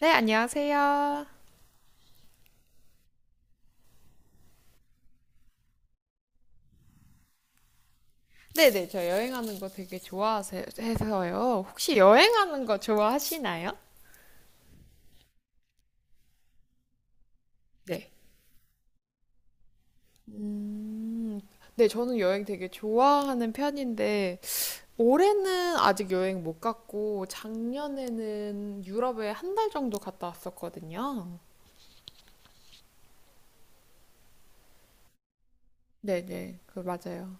네, 안녕하세요. 네네, 저 여행하는 거 되게 좋아해서요. 혹시 여행하는 거 좋아하시나요? 네. 음, 네, 저는 여행 되게 좋아하는 편인데, 올해는 아직 여행 못 갔고, 작년에는 유럽에 한 달 정도 갔다 왔었거든요. 네네, 그 맞아요.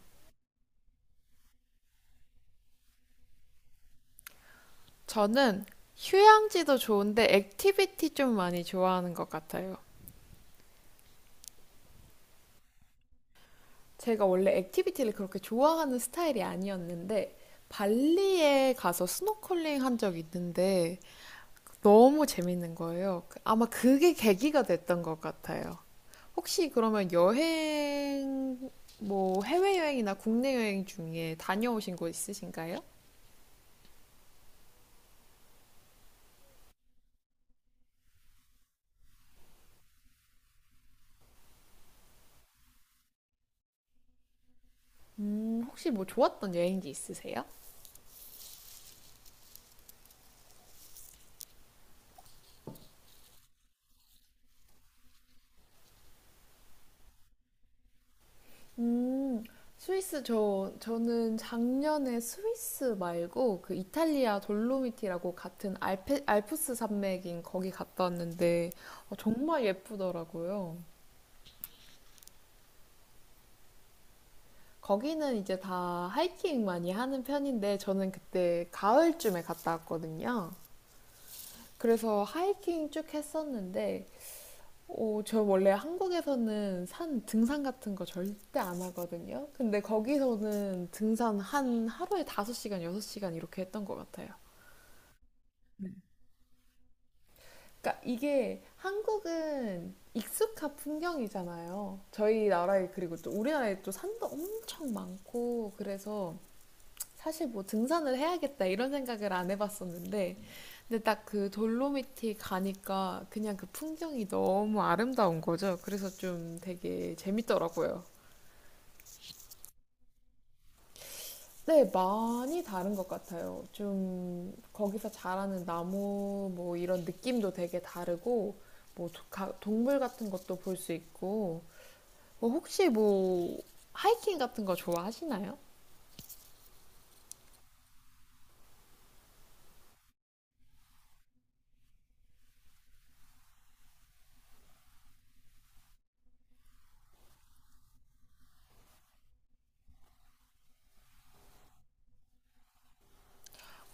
저는 휴양지도 좋은데, 액티비티 좀 많이 좋아하는 것 같아요. 제가 원래 액티비티를 그렇게 좋아하는 스타일이 아니었는데 발리에 가서 스노클링 한 적이 있는데 너무 재밌는 거예요. 아마 그게 계기가 됐던 것 같아요. 혹시 그러면 여행, 뭐 해외여행이나 국내 여행 중에 다녀오신 곳 있으신가요? 혹시 뭐 좋았던 여행지 있으세요? 음, 스위스 저는 작년에 스위스 말고 그 이탈리아 돌로미티라고 같은 알프스 산맥인 거기 갔다 왔는데 정말 예쁘더라고요. 거기는 이제 다 하이킹 많이 하는 편인데 저는 그때 가을쯤에 갔다 왔거든요. 그래서 하이킹 쭉 했었는데 저 원래 한국에서는 산 등산 같은 거 절대 안 하거든요. 근데 거기서는 등산 한 하루에 5시간 6시간 이렇게 했던 것 같아요. 그러니까 이게 한국은 익숙한 풍경이잖아요. 저희 나라에. 그리고 또 우리나라에 또 산도 엄청 많고 그래서 사실 뭐 등산을 해야겠다 이런 생각을 안 해봤었는데 근데 딱 그 돌로미티 가니까 그냥 그 풍경이 너무 아름다운 거죠. 그래서 좀 되게 재밌더라고요. 네, 많이 다른 것 같아요. 좀 거기서 자라는 나무 뭐 이런 느낌도 되게 다르고 뭐 동물 같은 것도 볼 수 있고 뭐 혹시 뭐 하이킹 같은 거 좋아하시나요?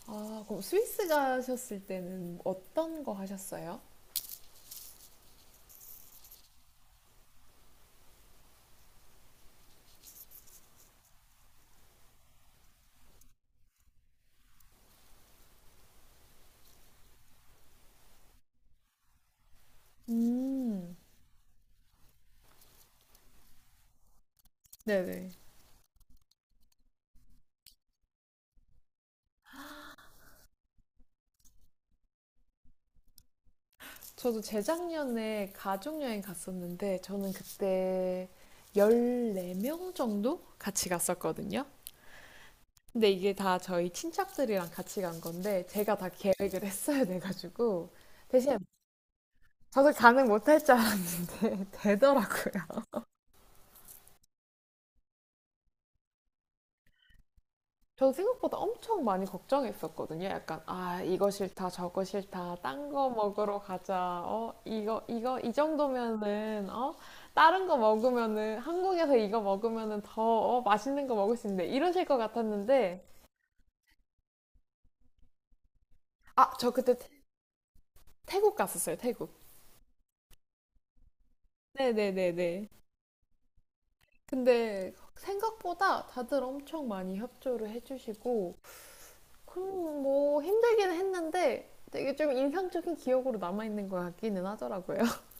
아, 그럼 스위스 가셨을 때는 어떤 거 하셨어요? 음, 네네. 저도 재작년에 가족여행 갔었는데 저는 그때 14명 정도 같이 갔었거든요. 근데 이게 다 저희 친척들이랑 같이 간 건데 제가 다 계획을 했어야 돼가지고 대신 저도 가능 못할 줄 알았는데 되더라고요. 저도 생각보다 엄청 많이 걱정했었거든요. 약간 아 이거 싫다 저거 싫다 딴 거 먹으러 가자. 이거 이 정도면은 다른 거 먹으면은 한국에서 이거 먹으면은 더 맛있는 거 먹을 수 있는데 이러실 것 같았는데 아 저 그때 태국 갔었어요. 태국. 네네네네. 근데 생각보다 다들 엄청 많이 협조를 해주시고, 그럼 뭐 힘들기는 했는데 되게 좀 인상적인 기억으로 남아있는 것 같기는 하더라고요.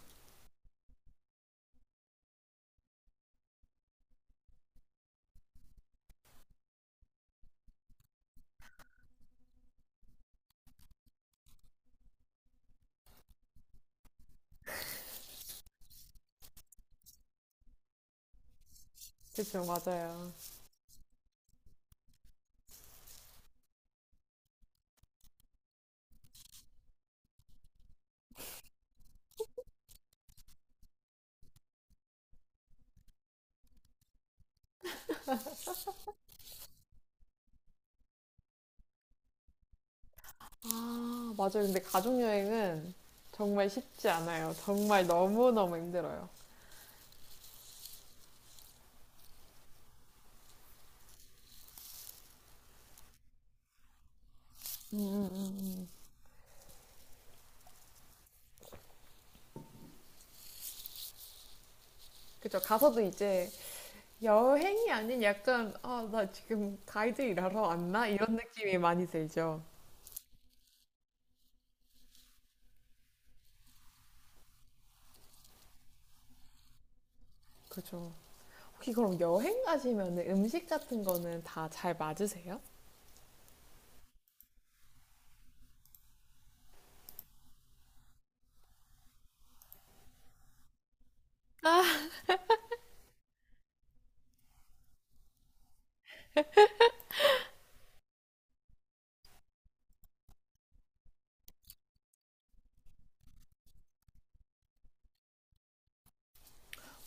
그쵸, 맞아요. 아, 맞아요. 근데 가족여행은 정말 쉽지 않아요. 정말 너무너무 힘들어요. 그쵸, 가서도 이제 여행이 아닌 약간, 아, 나 지금 가이드 일하러 왔나? 이런 느낌이 많이 들죠. 그죠. 혹시 그럼 여행 가시면 음식 같은 거는 다 잘 맞으세요?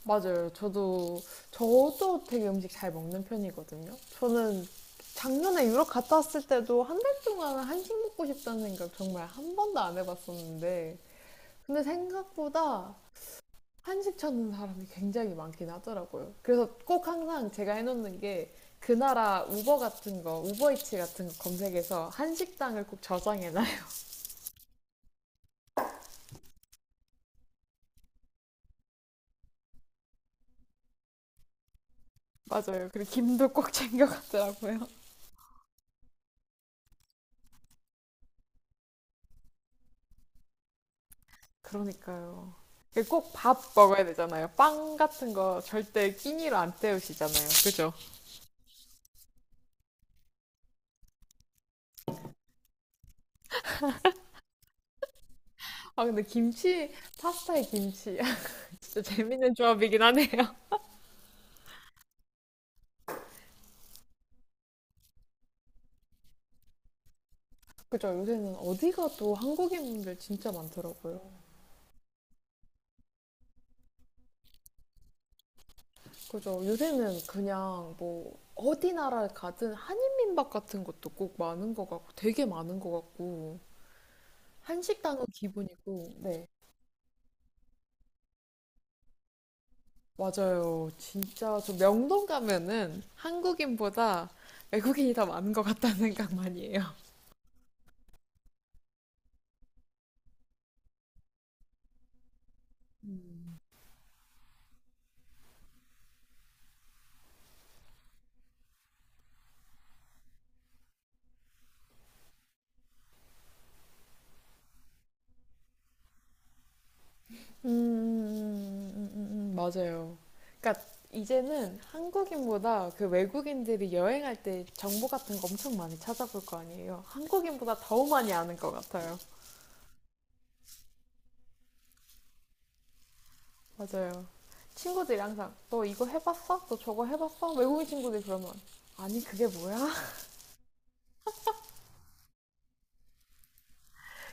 맞아요. 저도 되게 음식 잘 먹는 편이거든요. 저는 작년에 유럽 갔다 왔을 때도 한 달 동안 한식 먹고 싶다는 생각 정말 한 번도 안 해봤었는데 근데 생각보다 한식 찾는 사람이 굉장히 많긴 하더라고요. 그래서 꼭 항상 제가 해놓는 게 그 나라 우버 같은 거, 우버이츠 같은 거 검색해서 한식당을 꼭 저장해놔요. 맞아요. 그리고 김도 꼭 챙겨가더라고요. 그러니까요. 이게 꼭 밥 먹어야 되잖아요. 빵 같은 거 절대 끼니로 안 때우시잖아요. 그죠? 아, 근데 김치, 파스타에 김치. 진짜 재밌는 조합이긴 하네요. 그죠? 요새는 어디 가도 한국인분들 진짜 많더라고요. 그죠? 요새는 그냥 뭐, 어디 나라를 가든 한인민박 같은 것도 꼭 많은 것 같고, 되게 많은 것 같고, 한식당은 기본이고, 네. 맞아요. 진짜 저 명동 가면은 한국인보다 외국인이 더 많은 것 같다는 생각 많이 해요. 맞아요. 그러니까 이제는 한국인보다 그 외국인들이 여행할 때 정보 같은 거 엄청 많이 찾아볼 거 아니에요. 한국인보다 더 많이 아는 것 같아요. 맞아요. 친구들이 항상 너 이거 해봤어? 너 저거 해봤어? 외국인 친구들이 그러면 아니 그게 뭐야?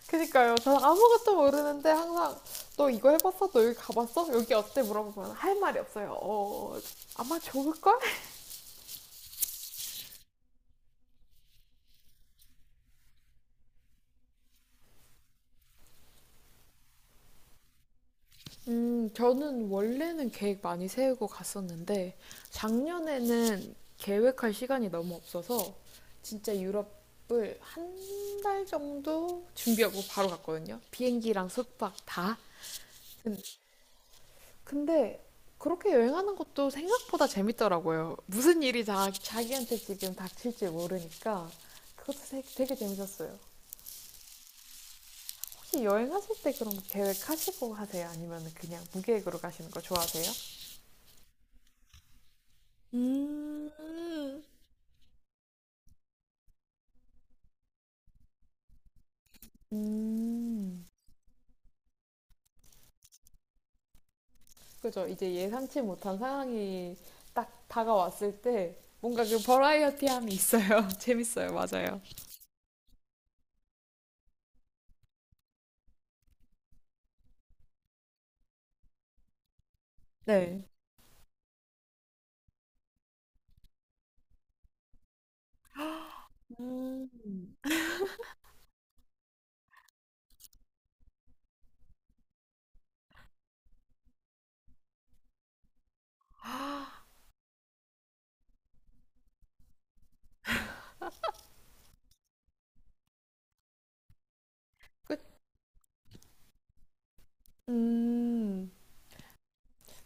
그니까요. 저는 아무것도 모르는데 항상 너 이거 해봤어? 너 여기 가봤어? 여기 어때? 물어보면 할 말이 없어요. 아마 좋을걸? 저는 원래는 계획 많이 세우고 갔었는데, 작년에는 계획할 시간이 너무 없어서, 진짜 유럽을 한 달 정도 준비하고 바로 갔거든요. 비행기랑 숙박 다. 근데 그렇게 여행하는 것도 생각보다 재밌더라고요. 무슨 일이 자기한테 지금 닥칠지 모르니까 그것도 되게, 되게 재밌었어요. 혹시 여행하실 때 그럼 계획하시고 하세요? 아니면 그냥 무계획으로 가시는 거 좋아하세요? 음, 음, 그죠. 이제 예상치 못한 상황이 딱 다가왔을 때 뭔가 그 버라이어티함이 있어요. 재밌어요. 맞아요. 네. 음, 끝. 음.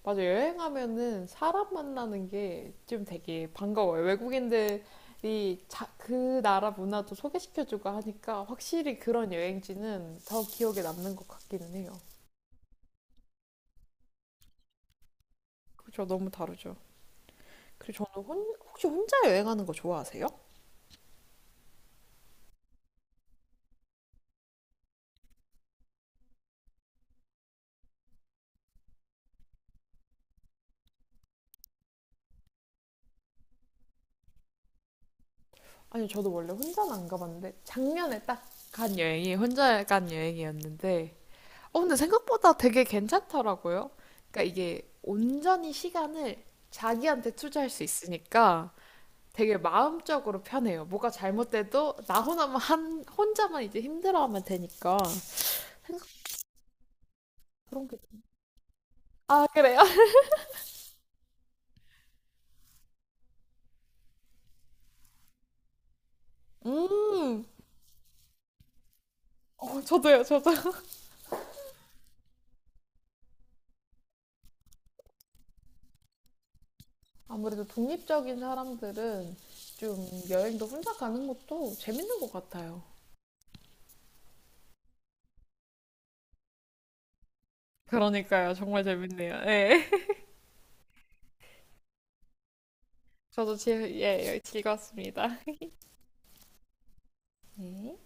맞아, 여행하면은 사람 만나는 게 좀 되게 반가워요. 외국인들이 자, 그 나라 문화도 소개시켜주고 하니까 확실히 그런 여행지는 더 기억에 남는 것 같기는 해요. 그렇죠, 너무 다르죠. 그리고 저는 혹시 혼자 여행하는 거 좋아하세요? 아니, 저도 원래 혼자는 안 가봤는데 작년에 딱 간 여행이 혼자 간 여행이었는데, 근데 생각보다 되게 괜찮더라고요. 그러니까 이게 온전히 시간을 자기한테 투자할 수 있으니까. 되게 마음적으로 편해요. 뭐가 잘못돼도 나 혼자만 한 혼자만 이제 힘들어하면 되니까 생각 그런 게. 아 그래요? 음, 어, 저도요, 저도. 아무래도 독립적인 사람들은 좀 여행도 혼자 가는 것도 재밌는 것 같아요. 그러니까요. 정말 재밌네요. 네. 저도 예, 즐거웠습니다. 네.